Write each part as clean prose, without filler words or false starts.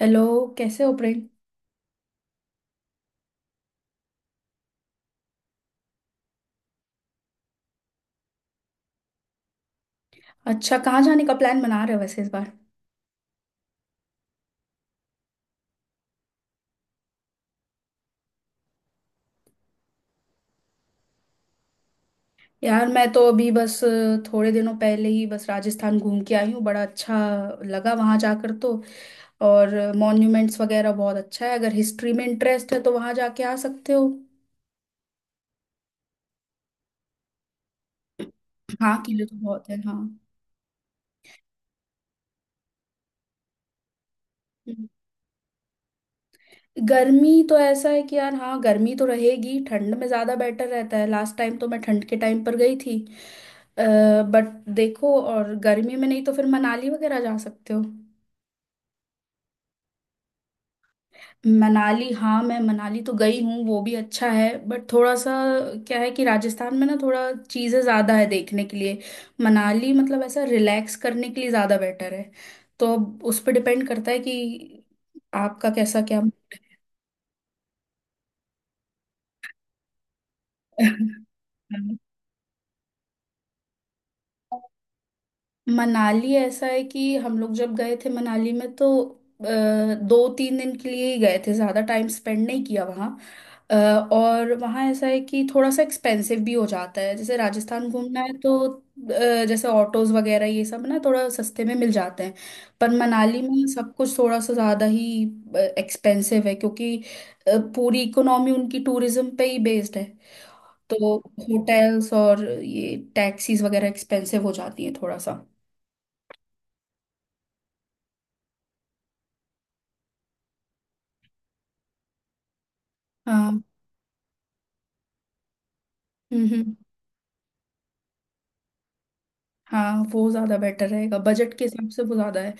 Hello. कैसे हो प्रेम? अच्छा, कहाँ जाने का प्लान बना रहे हो वैसे इस बार? यार मैं तो अभी बस थोड़े दिनों पहले ही बस राजस्थान घूम के आई हूँ। बड़ा अच्छा लगा वहाँ जाकर तो। और मॉन्यूमेंट्स वगैरह बहुत अच्छा है, अगर हिस्ट्री में इंटरेस्ट है तो वहाँ जाके आ सकते हो। हाँ, किले तो बहुत है, हाँ। हम्म। गर्मी तो ऐसा है कि यार, हाँ गर्मी तो रहेगी, ठंड में ज़्यादा बेटर रहता है। लास्ट टाइम तो मैं ठंड के टाइम पर गई थी बट, देखो, और गर्मी में नहीं तो फिर मनाली वगैरह जा सकते हो। मनाली, हाँ मैं मनाली तो गई हूँ, वो भी अच्छा है बट थोड़ा सा क्या है कि राजस्थान में ना थोड़ा चीज़ें ज़्यादा है देखने के लिए। मनाली मतलब ऐसा रिलैक्स करने के लिए ज़्यादा बेटर है। तो अब उस पर डिपेंड करता है कि आपका कैसा क्या मूड है। मनाली ऐसा है कि हम लोग जब गए थे मनाली में तो अ, 2-3 दिन के लिए ही गए थे, ज़्यादा टाइम स्पेंड नहीं किया वहाँ। अ, और वहाँ ऐसा है कि थोड़ा सा एक्सपेंसिव भी हो जाता है। जैसे राजस्थान घूमना है तो, जैसे ऑटोज वगैरह ये सब ना थोड़ा सस्ते में मिल जाते हैं। पर मनाली में सब कुछ थोड़ा सा ज़्यादा ही एक्सपेंसिव है, क्योंकि पूरी इकोनॉमी उनकी टूरिज्म पे ही बेस्ड है। तो होटल्स और ये टैक्सीज वगैरह एक्सपेंसिव हो जाती हैं थोड़ा सा। हाँ। हम्म हम्म, हाँ वो ज़्यादा बेटर रहेगा, बजट के हिसाब से वो ज़्यादा है।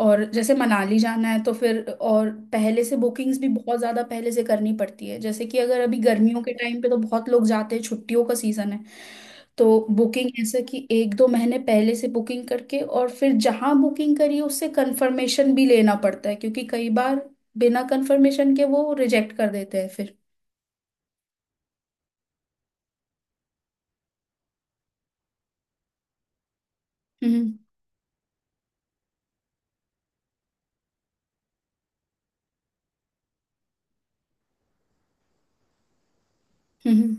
और जैसे मनाली जाना है तो फिर और पहले से बुकिंग्स भी बहुत ज़्यादा पहले से करनी पड़ती है, जैसे कि अगर अभी गर्मियों के टाइम पे तो बहुत लोग जाते हैं, छुट्टियों का सीज़न है। तो बुकिंग ऐसे कि 1-2 महीने पहले से बुकिंग करके, और फिर जहाँ बुकिंग करी उससे कंफर्मेशन भी लेना पड़ता है, क्योंकि कई बार बिना कंफर्मेशन के वो रिजेक्ट कर देते हैं फिर। हम्म हम्म।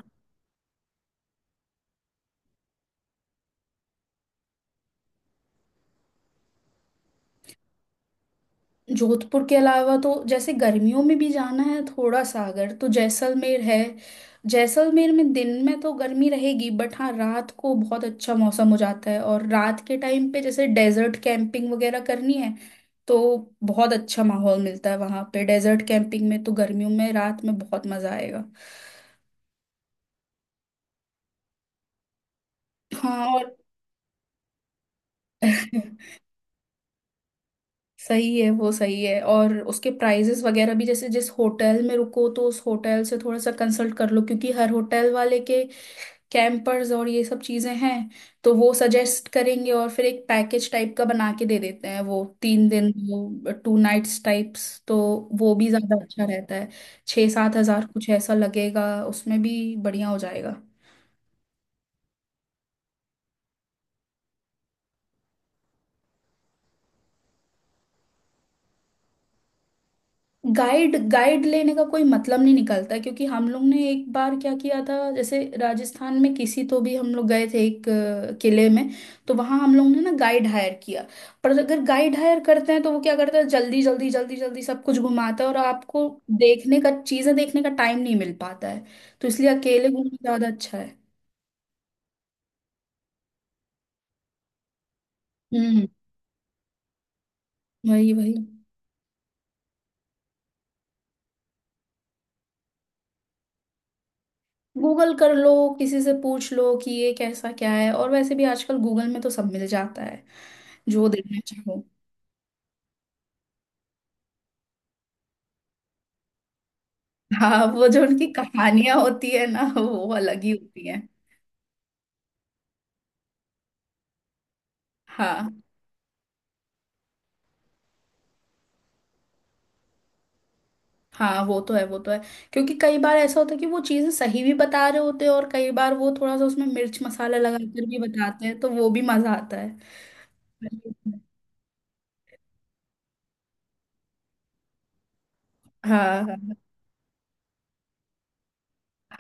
जोधपुर के अलावा तो जैसे गर्मियों में भी जाना है थोड़ा सा अगर, तो जैसलमेर है। जैसलमेर में दिन में तो गर्मी रहेगी बट हाँ, रात को बहुत अच्छा मौसम हो जाता है। और रात के टाइम पे जैसे डेजर्ट कैंपिंग वगैरह करनी है तो बहुत अच्छा माहौल मिलता है वहां पे। डेजर्ट कैंपिंग में तो गर्मियों में रात में बहुत मजा आएगा। हाँ और सही है, वो सही है। और उसके प्राइजेस वगैरह भी, जैसे जिस होटल में रुको तो उस होटल से थोड़ा सा कंसल्ट कर लो, क्योंकि हर होटल वाले के कैंपर्स और ये सब चीजें हैं। तो वो सजेस्ट करेंगे और फिर एक पैकेज टाइप का बना के दे देते हैं वो 3 दिन, वो 2 नाइट्स टाइप्स। तो वो भी ज्यादा अच्छा रहता है। 6-7 हज़ार कुछ ऐसा लगेगा, उसमें भी बढ़िया हो जाएगा। गाइड, गाइड लेने का कोई मतलब नहीं निकलता, क्योंकि हम लोग ने एक बार क्या किया था, जैसे राजस्थान में किसी तो भी हम लोग गए थे एक किले में, तो वहाँ हम लोग ने ना गाइड हायर किया। पर अगर गाइड हायर करते हैं तो वो क्या करता है, जल्दी जल्दी जल्दी जल्दी सब कुछ घुमाता है और आपको देखने का, चीज़ें देखने का टाइम नहीं मिल पाता है। तो इसलिए अकेले घूमना ज़्यादा अच्छा है। हम्म। वही वही। गूगल कर लो, किसी से पूछ लो कि ये कैसा क्या है, और वैसे भी आजकल गूगल में तो सब मिल जाता है जो देखना चाहो। हाँ, वो जो उनकी कहानियां होती है ना वो अलग ही होती है। हाँ। हाँ वो तो है, वो तो है। क्योंकि कई बार ऐसा होता है कि वो चीजें सही भी बता रहे होते हैं, और कई बार वो थोड़ा सा उसमें मिर्च मसाला लगाकर भी बताते हैं, तो वो भी मजा आता है। हाँ हाँ।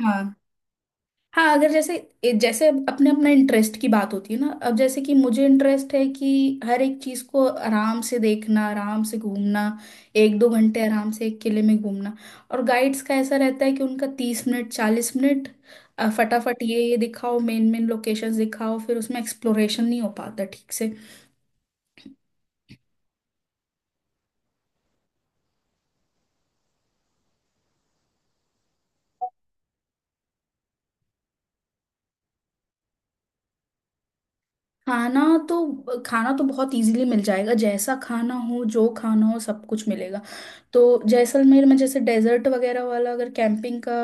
हाँ हाँ, अगर जैसे जैसे अब अपने, अपना इंटरेस्ट की बात होती है ना। अब जैसे कि मुझे इंटरेस्ट है कि हर एक चीज को आराम से देखना, आराम से घूमना, 1-2 घंटे आराम से एक किले में घूमना। और गाइड्स का ऐसा रहता है कि उनका 30 मिनट, 40 मिनट, फटाफट ये दिखाओ, मेन मेन लोकेशंस दिखाओ, फिर उसमें एक्सप्लोरेशन नहीं हो पाता ठीक से। खाना? तो खाना तो बहुत इजीली मिल जाएगा, जैसा खाना हो, जो खाना हो सब कुछ मिलेगा। तो जैसलमेर में जैसे डेजर्ट वगैरह वाला अगर कैंपिंग का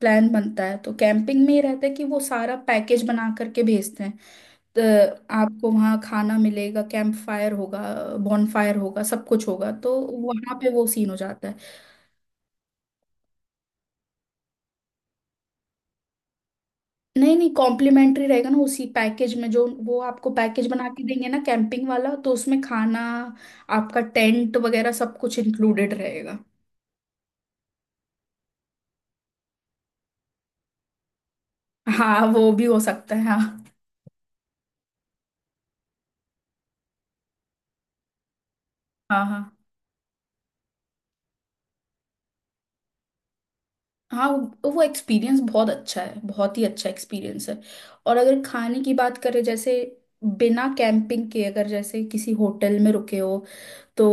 प्लान बनता है तो कैंपिंग में ही रहता है कि वो सारा पैकेज बना करके भेजते हैं। तो आपको वहाँ खाना मिलेगा, कैंप फायर होगा, बॉनफायर होगा, सब कुछ होगा, तो वहाँ पे वो सीन हो जाता है। नहीं नहीं, कॉम्प्लीमेंट्री रहेगा ना, उसी पैकेज में जो वो आपको पैकेज बना के देंगे ना कैंपिंग वाला, तो उसमें खाना, आपका टेंट वगैरह सब कुछ इंक्लूडेड रहेगा। हाँ वो भी हो सकता है, हाँ। हाँ हाँ, हाँ वो एक्सपीरियंस बहुत अच्छा है, बहुत ही अच्छा एक्सपीरियंस है। और अगर खाने की बात करें, जैसे बिना कैंपिंग के अगर जैसे किसी होटल में रुके हो तो,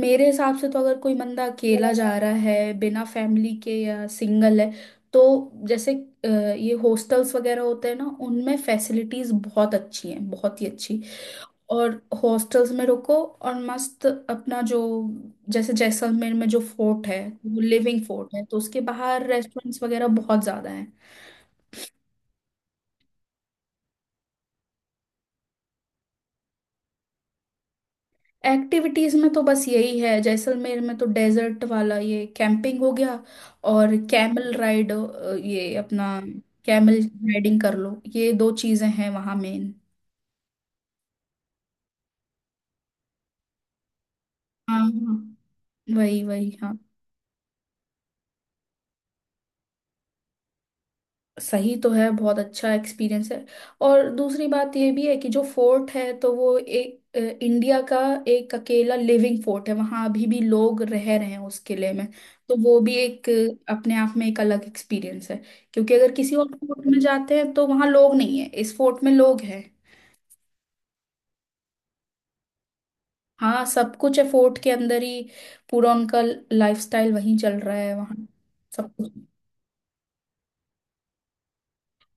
मेरे हिसाब से तो अगर कोई बंदा अकेला जा रहा है बिना फैमिली के, या सिंगल है, तो जैसे ये हॉस्टल्स वगैरह होते हैं ना, उनमें फैसिलिटीज बहुत अच्छी हैं, बहुत ही अच्छी। और हॉस्टल्स में रुको और मस्त अपना जो, जैसे जैसलमेर में जो फोर्ट है वो लिविंग फोर्ट है, तो उसके बाहर रेस्टोरेंट्स वगैरह बहुत ज्यादा हैं। एक्टिविटीज में तो बस यही है जैसलमेर में तो, डेजर्ट वाला ये कैंपिंग हो गया, और कैमल राइड, ये अपना कैमल राइडिंग कर लो, ये दो चीजें हैं वहां मेन। हाँ हाँ, वही वही, हाँ। सही तो है, बहुत अच्छा एक्सपीरियंस है। और दूसरी बात यह भी है कि जो फोर्ट है, तो वो एक इंडिया का एक अकेला लिविंग फोर्ट है, वहाँ अभी भी लोग रह रहे हैं उस किले में। तो वो भी एक अपने आप में एक अलग एक्सपीरियंस है। क्योंकि अगर किसी और फोर्ट में जाते हैं तो वहाँ लोग नहीं है, इस फोर्ट में लोग हैं। हाँ, सब कुछ है फोर्ट के अंदर ही, पूरा उनका लाइफस्टाइल वहीं चल रहा है वहाँ। सब कुछ,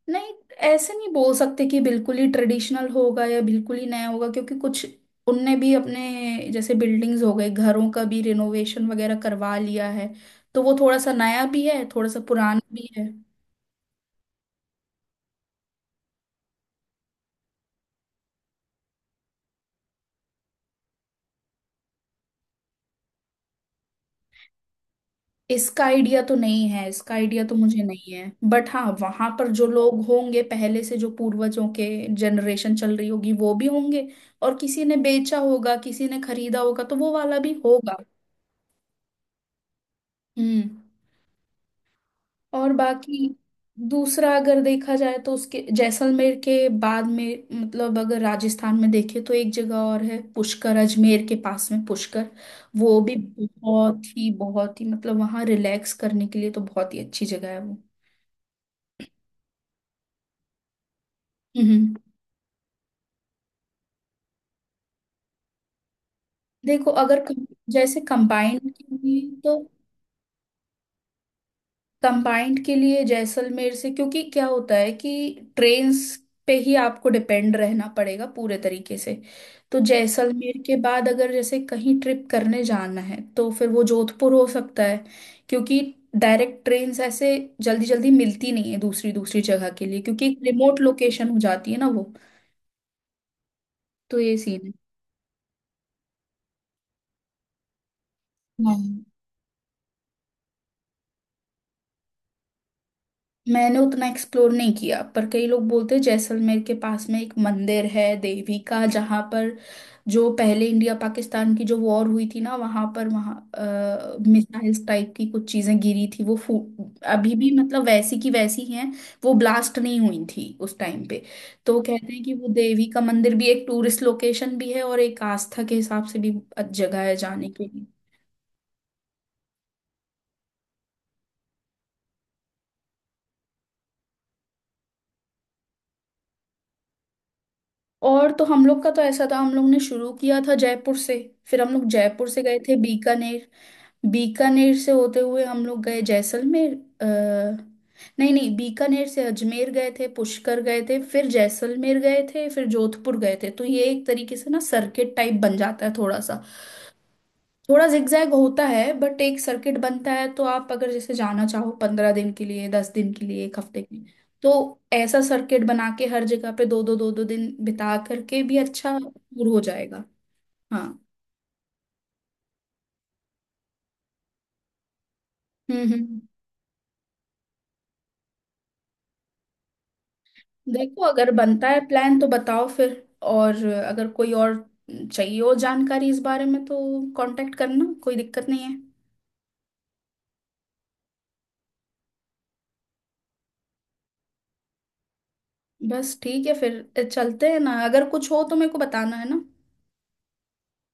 नहीं, ऐसे नहीं बोल सकते कि बिल्कुल ही ट्रेडिशनल होगा या बिल्कुल ही नया होगा, क्योंकि कुछ उनने भी अपने जैसे बिल्डिंग्स हो गए, घरों का भी रिनोवेशन वगैरह करवा लिया है। तो वो थोड़ा सा नया भी है, थोड़ा सा पुराना भी है। इसका आइडिया तो मुझे नहीं है, बट हाँ वहां पर जो लोग होंगे पहले से, जो पूर्वजों के जनरेशन चल रही होगी वो भी होंगे, और किसी ने बेचा होगा किसी ने खरीदा होगा तो वो वाला भी होगा। हम्म। और बाकी दूसरा अगर देखा जाए तो, उसके जैसलमेर के बाद में मतलब, अगर राजस्थान में देखे तो एक जगह और है पुष्कर, अजमेर के पास में पुष्कर। वो भी बहुत ही बहुत ही, मतलब वहाँ रिलैक्स करने के लिए तो बहुत ही अच्छी जगह है वो। हम्म। देखो, अगर जैसे कंबाइंड की हुई तो, कंबाइंड के लिए जैसलमेर से, क्योंकि क्या होता है कि ट्रेन्स पे ही आपको डिपेंड रहना पड़ेगा पूरे तरीके से। तो जैसलमेर के बाद अगर जैसे कहीं ट्रिप करने जाना है तो फिर वो जोधपुर हो सकता है, क्योंकि डायरेक्ट ट्रेन्स ऐसे जल्दी जल्दी मिलती नहीं है दूसरी दूसरी जगह के लिए, क्योंकि एक रिमोट लोकेशन हो जाती है ना वो। तो ये सीन है। हाँ, मैंने उतना एक्सप्लोर नहीं किया, पर कई लोग बोलते हैं जैसलमेर के पास में एक मंदिर है देवी का, जहाँ पर जो पहले इंडिया पाकिस्तान की जो वॉर हुई थी ना, वहाँ पर वहाँ मिसाइल्स टाइप की कुछ चीजें गिरी थी वो फू अभी भी मतलब वैसी की वैसी हैं, वो ब्लास्ट नहीं हुई थी उस टाइम पे। तो वो कहते हैं कि वो देवी का मंदिर भी एक टूरिस्ट लोकेशन भी है, और एक आस्था के हिसाब से भी जगह है जाने के लिए। और तो हम लोग का तो ऐसा था, हम लोग ने शुरू किया था जयपुर से, फिर हम लोग जयपुर से गए थे बीकानेर, बीकानेर से होते हुए हम लोग गए जैसलमेर। अ, नहीं नहीं, बीकानेर से अजमेर गए थे, पुष्कर गए थे, फिर जैसलमेर गए थे, फिर जोधपुर गए थे। तो ये एक तरीके से ना सर्किट टाइप बन जाता है थोड़ा सा। थोड़ा zigzag होता है बट एक सर्किट बनता है। तो आप अगर जैसे जाना चाहो 15 दिन के लिए, 10 दिन के लिए, एक हफ्ते के लिए, तो ऐसा सर्किट बना के हर जगह पे दो दो दो दो दिन बिता करके भी अच्छा टूर हो जाएगा। हाँ। हम्म हम्म हम्म। देखो, अगर बनता है प्लान तो बताओ फिर। और अगर कोई और चाहिए हो जानकारी इस बारे में, तो कांटेक्ट करना कोई दिक्कत नहीं है। बस ठीक है, फिर चलते हैं ना, अगर कुछ हो तो मेरे को बताना है ना।